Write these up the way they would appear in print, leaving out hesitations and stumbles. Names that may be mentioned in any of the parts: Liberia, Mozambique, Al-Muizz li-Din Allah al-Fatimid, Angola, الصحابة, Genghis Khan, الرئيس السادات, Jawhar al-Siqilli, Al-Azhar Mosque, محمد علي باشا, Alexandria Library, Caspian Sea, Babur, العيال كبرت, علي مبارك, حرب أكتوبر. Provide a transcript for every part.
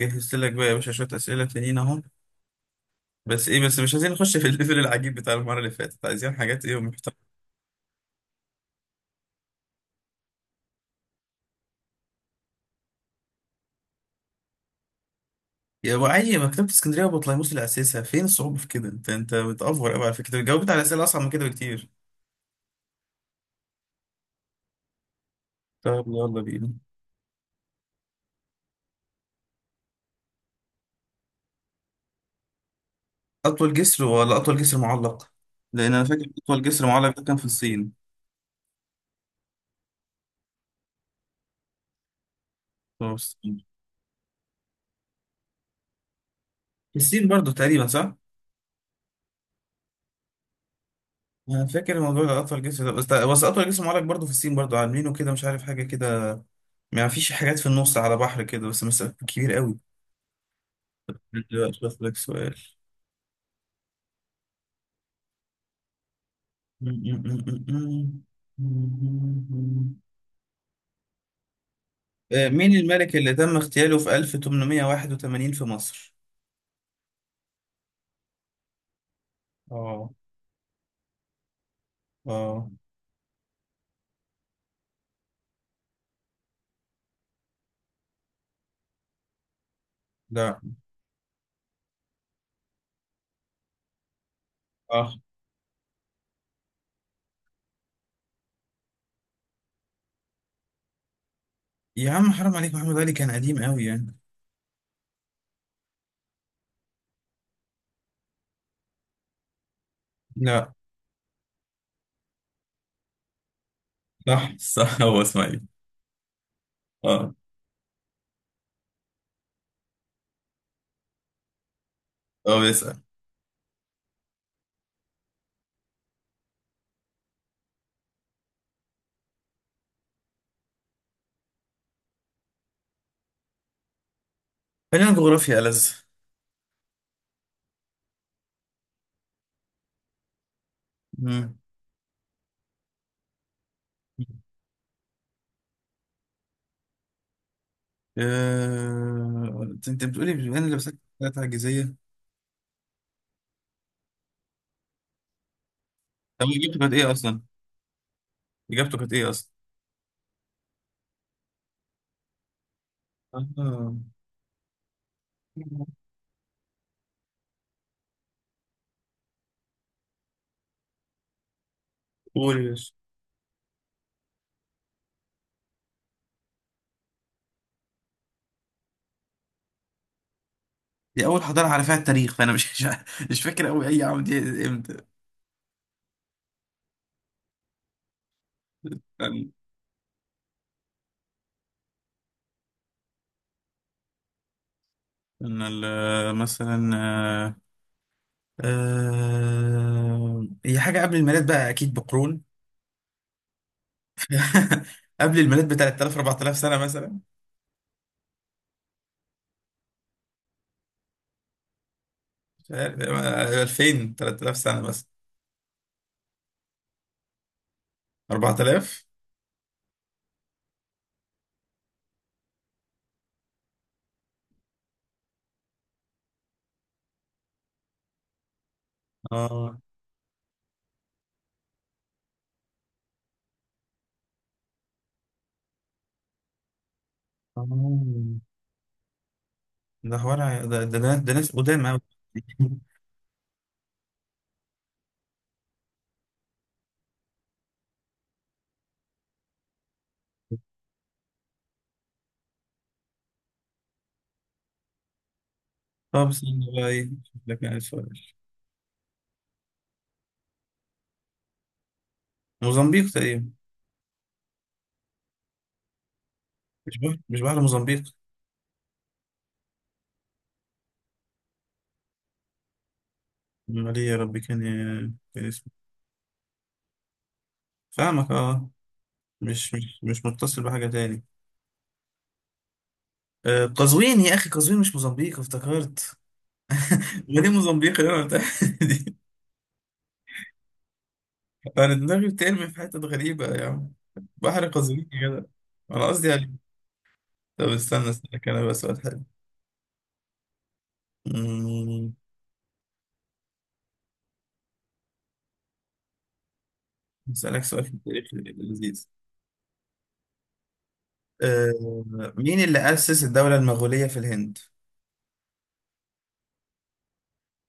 جهزت لك بقى يا باشا شوية أسئلة تانيين أهو. بس إيه بس مش عايزين نخش في الليفل العجيب بتاع المرة اللي فاتت، عايزين حاجات إيه محترمة. يا أبو علي، مكتبة اسكندرية وبطليموس اللي أسسها، فين الصعوبة في كده؟ أنت بتأفور أوي، على فكرة جاوبت على أسئلة أصعب من كده بكتير. طب يلا بينا. أطول جسر ولا أطول جسر معلق؟ لأن أنا فاكر أطول جسر معلق ده كان في الصين. هو في الصين. في الصين برضه تقريبا، صح؟ أنا فاكر الموضوع ده، أطول جسر ده بس أطول جسر معلق برضه في الصين، برضه عاملينه كده مش عارف حاجة كده. ما فيش حاجات في النص على بحر كده، بس مسافة كبير أوي. دلوقتي أشوف لك سؤال. مين الملك اللي تم اغتياله في 1881 في مصر؟ اه. اه. لا. اه، يا عم حرام عليك، محمد علي كان قديم قوي يعني. لا. صح صح، هو اسماعيل. اه. هو بيسأل. خلينا جغرافيا ألذ. مم. انت بتقولي بما ان لبستك ثلاث عجيزية. طب اجابته كانت ايه اصلا؟ اجابته كانت ايه اصلا؟ آه. قول يا باشا. دي اول حضاره على فيها التاريخ، فانا مش مش فاكر قوي اي عام دي، امتى. كان مثلا، آه، هي حاجه قبل الميلاد بقى اكيد بقرون. قبل الميلاد ب 3000 4000 سنه مثلا. مش عارف، 2000 3000 سنه مثلا. 4000. اه. آه. ده ناس، ده ناس قدام قوي. طب استنى بقى ايه، أشوف لك يعني سؤال. موزمبيق تقريبا. مش بحر موزمبيق. امال ايه يا ربي، كان إيه؟ كان، فاهمك اه، مش متصل بحاجة تاني. قزوين يا أخي، قزوين، مش موزمبيق افتكرت. ما دي موزمبيق اللي أنا قلتها دي. أنا دماغي بترمي في حتت غريبة يا عم. بحر قزوين يا جدع. أنا قصدي عليه. طب استنى أسألك أنا بقى سؤال حلو. أمم، أسألك سؤال في التاريخ لذيذ. آه، مين اللي أسس الدولة المغولية في الهند؟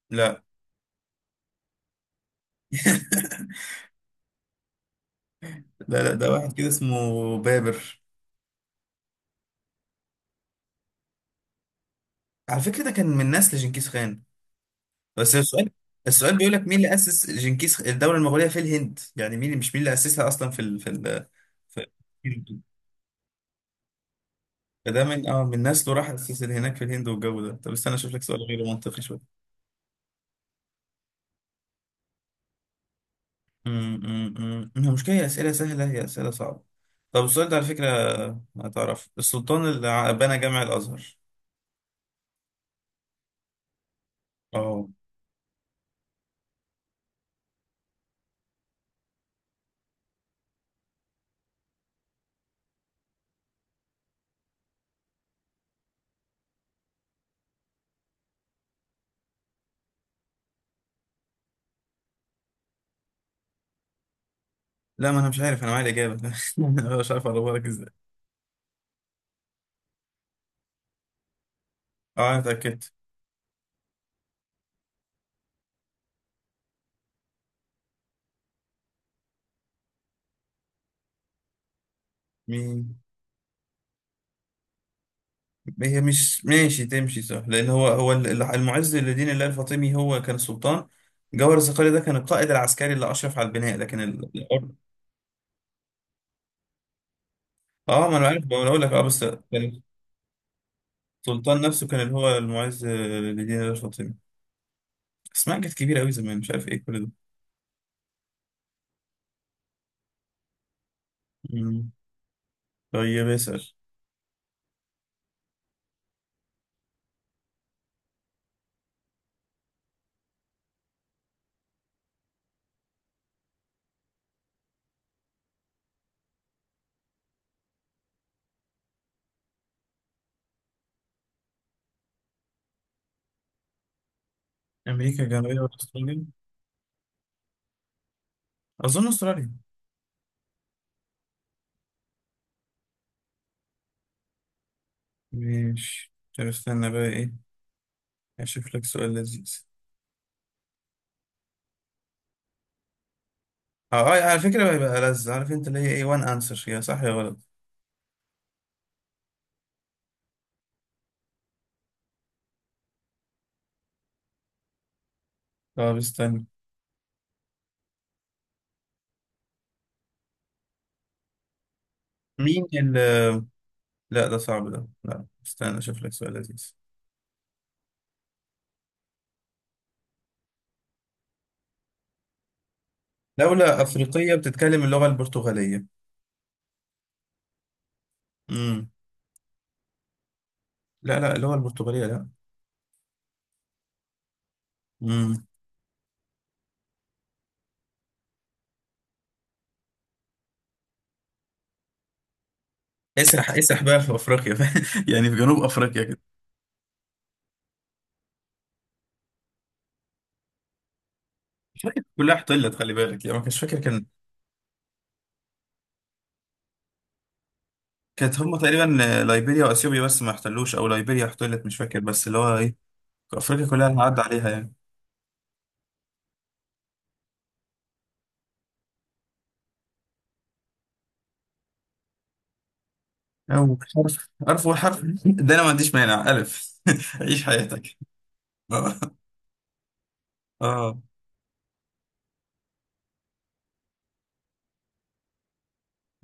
لا. لا ده واحد كده اسمه بابر. على فكرة ده كان من نسل جنكيز خان. بس السؤال بيقول لك مين اللي أسس جنكيز الدولة المغولية في الهند، يعني مين، مش مين اللي أسسها أصلا في الهند. فده من اه من نسله راح أسس هناك في الهند والجو ده. طب استنى أشوف لك سؤال غير منطقي شوية. أمم، أمم، أمم. المشكلة هي أسئلة سهلة، هي أسئلة صعبة. طب السؤال ده على فكرة، هتعرف السلطان اللي بنى جامع الأزهر؟ اه. لا ما أنا مش عارف، أنا معايا الإجابة. أنا مش عارف أقربها لك إزاي. اه أنا اتأكدت. مين؟ هي مش ماشي تمشي صح لان المعز لدين الله الفاطمي هو كان السلطان. جوهر الصقلي ده كان القائد العسكري اللي اشرف على البناء، لكن الحر. اه ما انا عارف، ما انا اقول لك اه، بس كان السلطان نفسه كان اللي هو المعز لدين الله الفاطمي. اسمها كانت كبيره قوي زمان مش عارف ايه كل ده. مم. طيب اسال. امريكا الجنوبيه ولا استراليا؟ اظن استراليا. ماشي. طب استنى بقى ايه، اشوف لك سؤال لذيذ. اه، على فكره هيبقى لذ، عارف انت اللي هي ايه وان انسر، يا صح يا غلط. طب استنى. مين ال لا ده صعب ده، لا استنى اشوف لك سؤال لذيذ. دولة أفريقية بتتكلم اللغة البرتغالية. امم. لا اللغة البرتغالية، لا. امم. اسرح بقى في أفريقيا. يعني في جنوب أفريقيا كده. مش فاكر، كلها احتلت خلي بالك، يعني ما كانش فاكر كان. كانت هم تقريبا، ليبيريا وأثيوبيا بس ما احتلوش، أو ليبيريا احتلت مش فاكر، بس اللي هو إيه، أفريقيا كلها عدى عليها يعني. أو حرف ده أنا ما عنديش مانع ألف. عيش حياتك. اه. اه.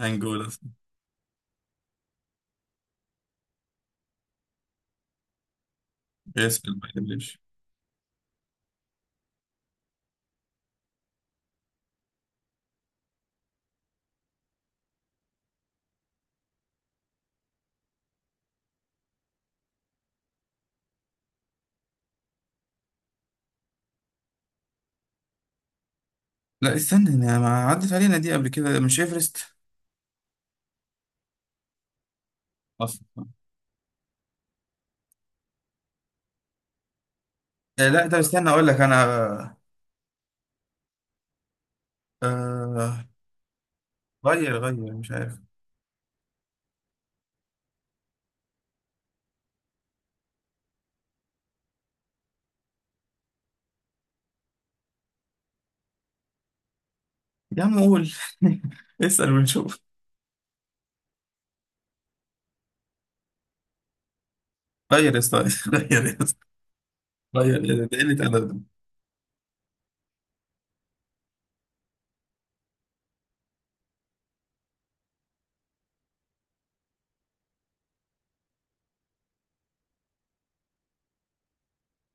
أنجولا. اسم. لا استنى، انا ما عدت علينا دي قبل كده، مش ايفرست؟ اصلا لا ده استنى اقول لك انا. آه. غير مش عارف. يا عم قول. اسأل ونشوف. غير يا اسطى. غير يا اسطى. غير، إيه ده، ده قلة ادب.